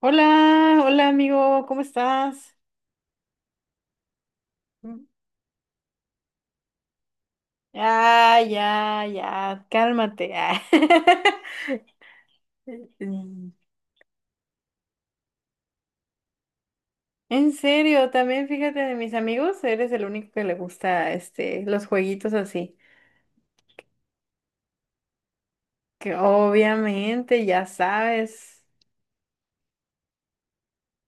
Hola, hola amigo, ¿cómo estás? Ya, ya, ya, cálmate. Ah. Mm. En serio, también fíjate de mis amigos, eres el único que le gusta los jueguitos así. Que obviamente ya sabes.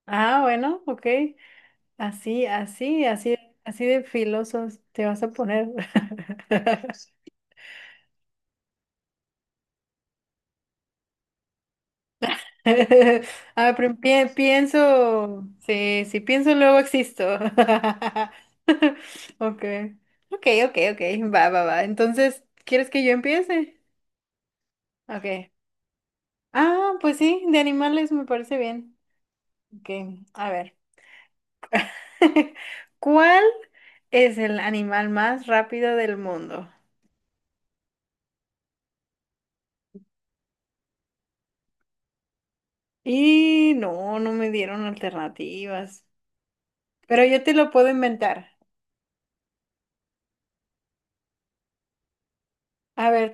Ah, bueno, ok. Así, así, así, así de filosos te vas a poner. Ah, pero pienso, sí, si pienso luego existo. Okay, okay, okay, okay, va, va, va. Entonces, ¿quieres que yo empiece? Okay. Ah, pues sí, de animales me parece bien. Okay, a ver. ¿Cuál es el animal más rápido del mundo? Y no, no me dieron alternativas, pero yo te lo puedo inventar. A ver,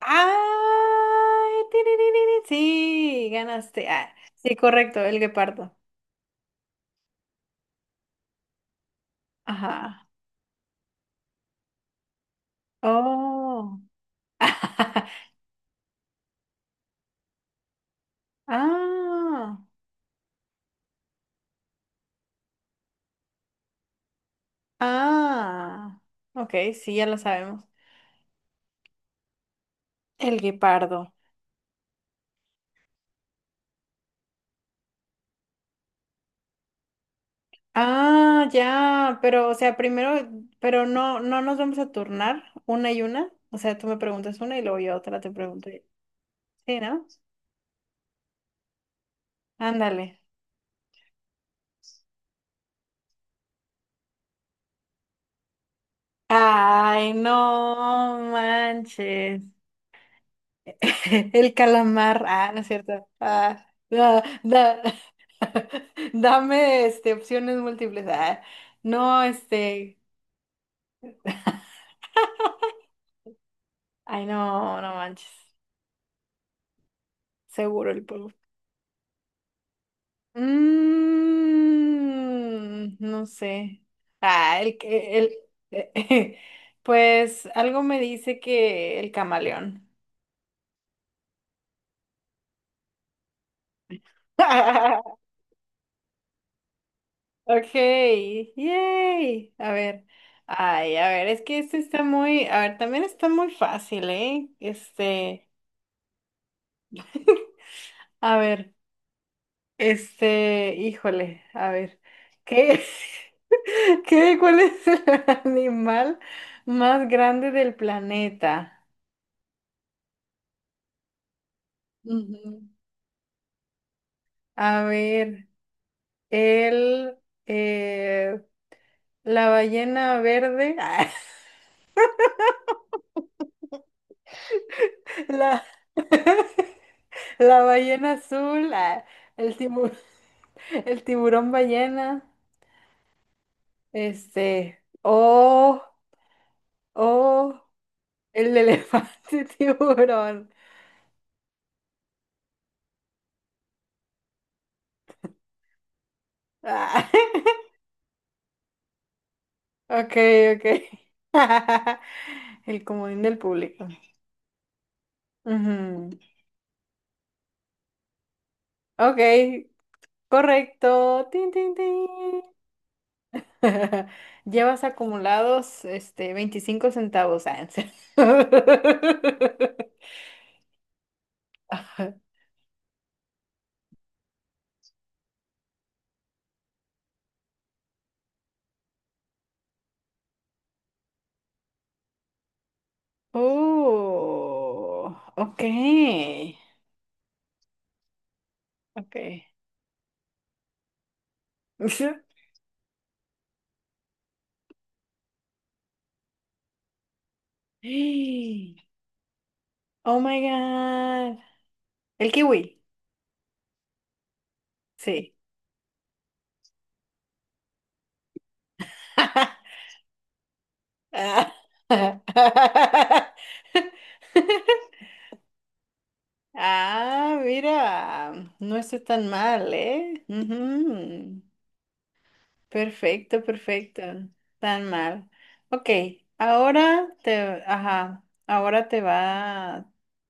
¡Ay!, tiririrí, sí, ganaste. Ah, sí, correcto, el guepardo. Ajá. Oh. Ah. Ah. Ok, sí, ya lo sabemos. El guepardo. Ah, ya, pero, o sea, primero, pero no, no nos vamos a turnar una y una. O sea, tú me preguntas una y luego yo otra te pregunto. Sí, ¿no? Ándale. Ay, no manches. El calamar, ah, no es cierto. Ah, no, dame, opciones múltiples. Ah, no. Ay, no, no manches. Seguro el polvo. Mm, no sé. Ah, el, pues algo me dice que el camaleón. Ok, yay. A ver, ay, a ver, es que este está muy, a ver, también está muy fácil, ¿eh? A ver, híjole, a ver, ¿qué, ¿qué, cuál es el animal más grande del planeta? Ujú. A ver, el, eh, la ballena verde, la, la ballena azul, ah, el tiburón, el tiburón ballena, oh, oh, el elefante tiburón. Ah, ok, ok. El comodín del público. Ujú. Ok, correcto. Tin, tin, tin. Llevas acumulados 25 centavos, Ansel. Oh, okay, okay. ¡Ay! Oh my God. El kiwi, sí. Ah, ah, mira, no estoy tan mal, eh. Ujú. Perfecto, perfecto. Tan mal. Ok, ahora te, ajá,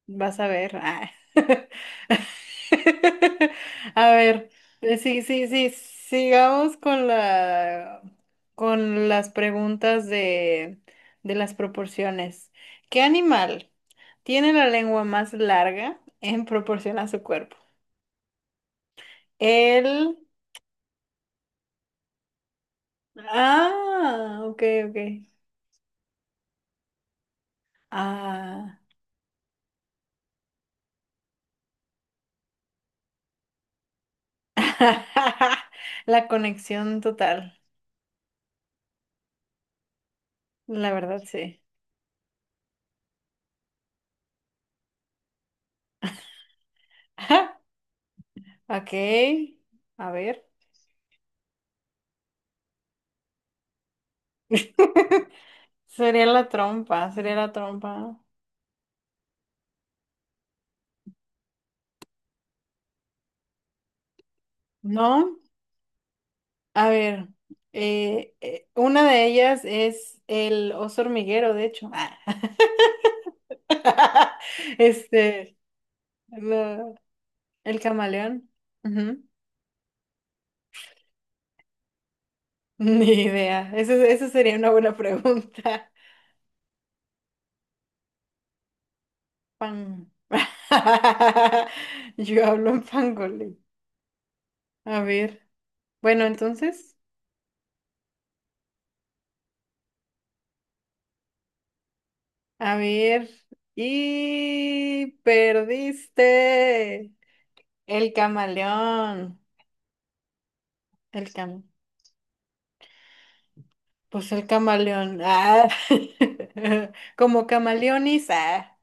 vas a ver. Ah. A ver, sí, sí, sí, sigamos con las preguntas de las proporciones. ¿Qué animal tiene la lengua más larga en proporción a su cuerpo? El, ah, ok, ok. Ah. La conexión total, la verdad sí. Ok, a ver. Sería la trompa, sería la trompa. ¿No? A ver, una de ellas es el oso hormiguero, de hecho. Ah. Este, lo- el camaleón. Ujú. Ni idea. Eso sería una buena pregunta. Pan. Yo hablo en pangolín. A ver, bueno, entonces, a ver, y perdiste el camaleón, el cam, pues el camaleón, ah, como camaleonis, ah,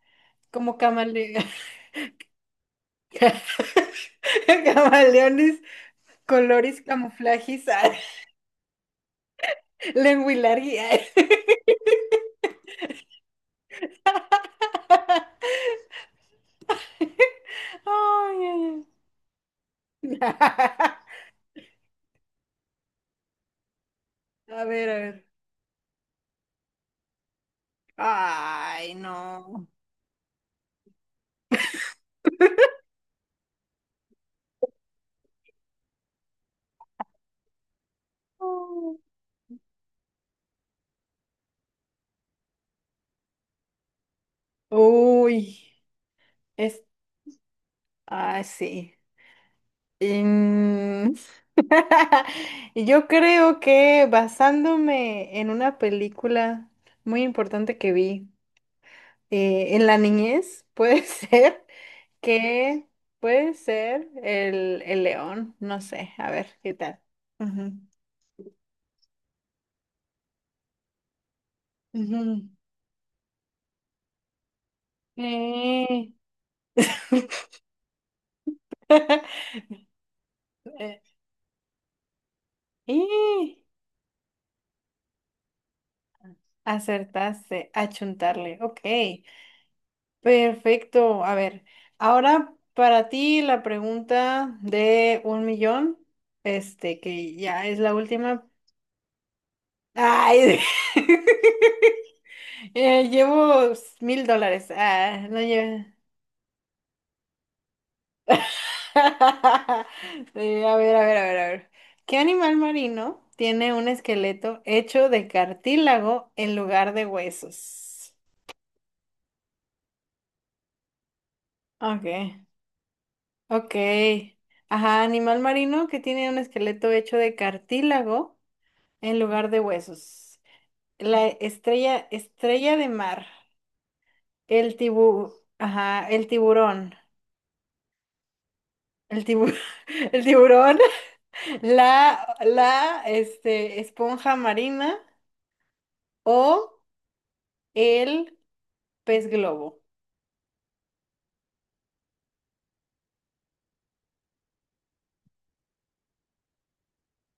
como camaleón. Camaleones, colores coloris, camuflagis, ah, lenguilari, ah. ¡Ay, ay, ay! A ver, ay, no. Oh. Uy, es, ah, sí. Mm, Yo creo que basándome en una película muy importante que vi en la niñez, puede ser que, puede ser el león, no sé, a ver, ¿qué tal? Ujú, ujú. Eh, eh, y acertaste, achuntarle, ok. Perfecto. A ver, ahora para ti la pregunta de un millón, que ya es la última. Ay, llevo $1,000. Ah, no llevo. A ver, a ver, a ver, a ver. ¿Qué animal marino tiene un esqueleto hecho de cartílago en lugar de huesos? Okay, okay. Ajá, animal marino que tiene un esqueleto hecho de cartílago en lugar de huesos. La estrella, estrella de mar. El tibu, ajá, el tiburón. El tiburón, el tiburón, la esponja marina o el pez globo.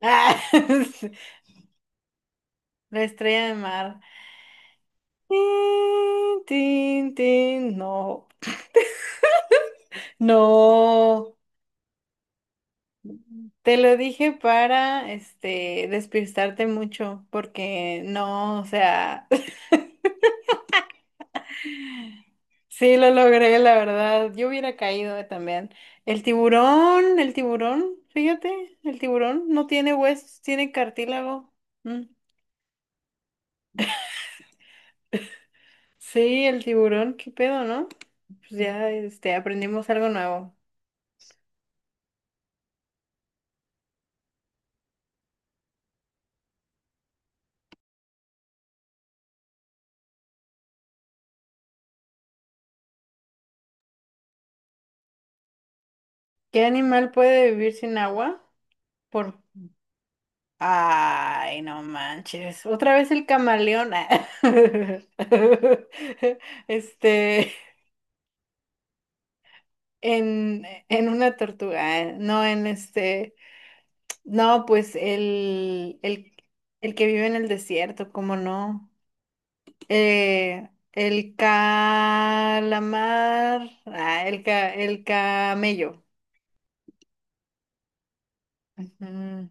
Ah, la estrella de mar. Tin, tin, tin, no, no. Te lo dije para, despistarte mucho, porque no, o sea, sí, lo logré, la verdad. Yo hubiera caído también. El tiburón, fíjate, el tiburón no tiene huesos, tiene cartílago. Mm. Sí, el tiburón, qué pedo, ¿no? Pues ya, aprendimos algo nuevo. ¿Qué animal puede vivir sin agua? Por... Ay, no manches. Otra vez el camaleón. Ah. Este, en una tortuga, ah, no en este. No, pues el que vive en el desierto, ¿cómo no? El calamar, ah, el camello. Mm,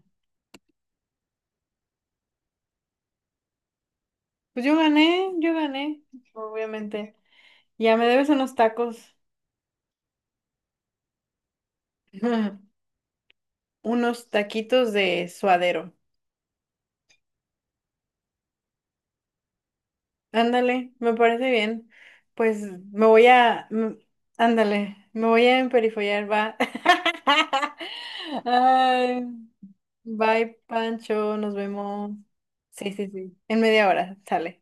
pues yo gané, obviamente. Ya me debes unos tacos, unos taquitos de suadero. Ándale, me parece bien. Pues me voy a, mm, ándale, me voy a emperifollar, va. Ay. Bye, Pancho, nos vemos. Sí, sí, sí. En media hora, sale.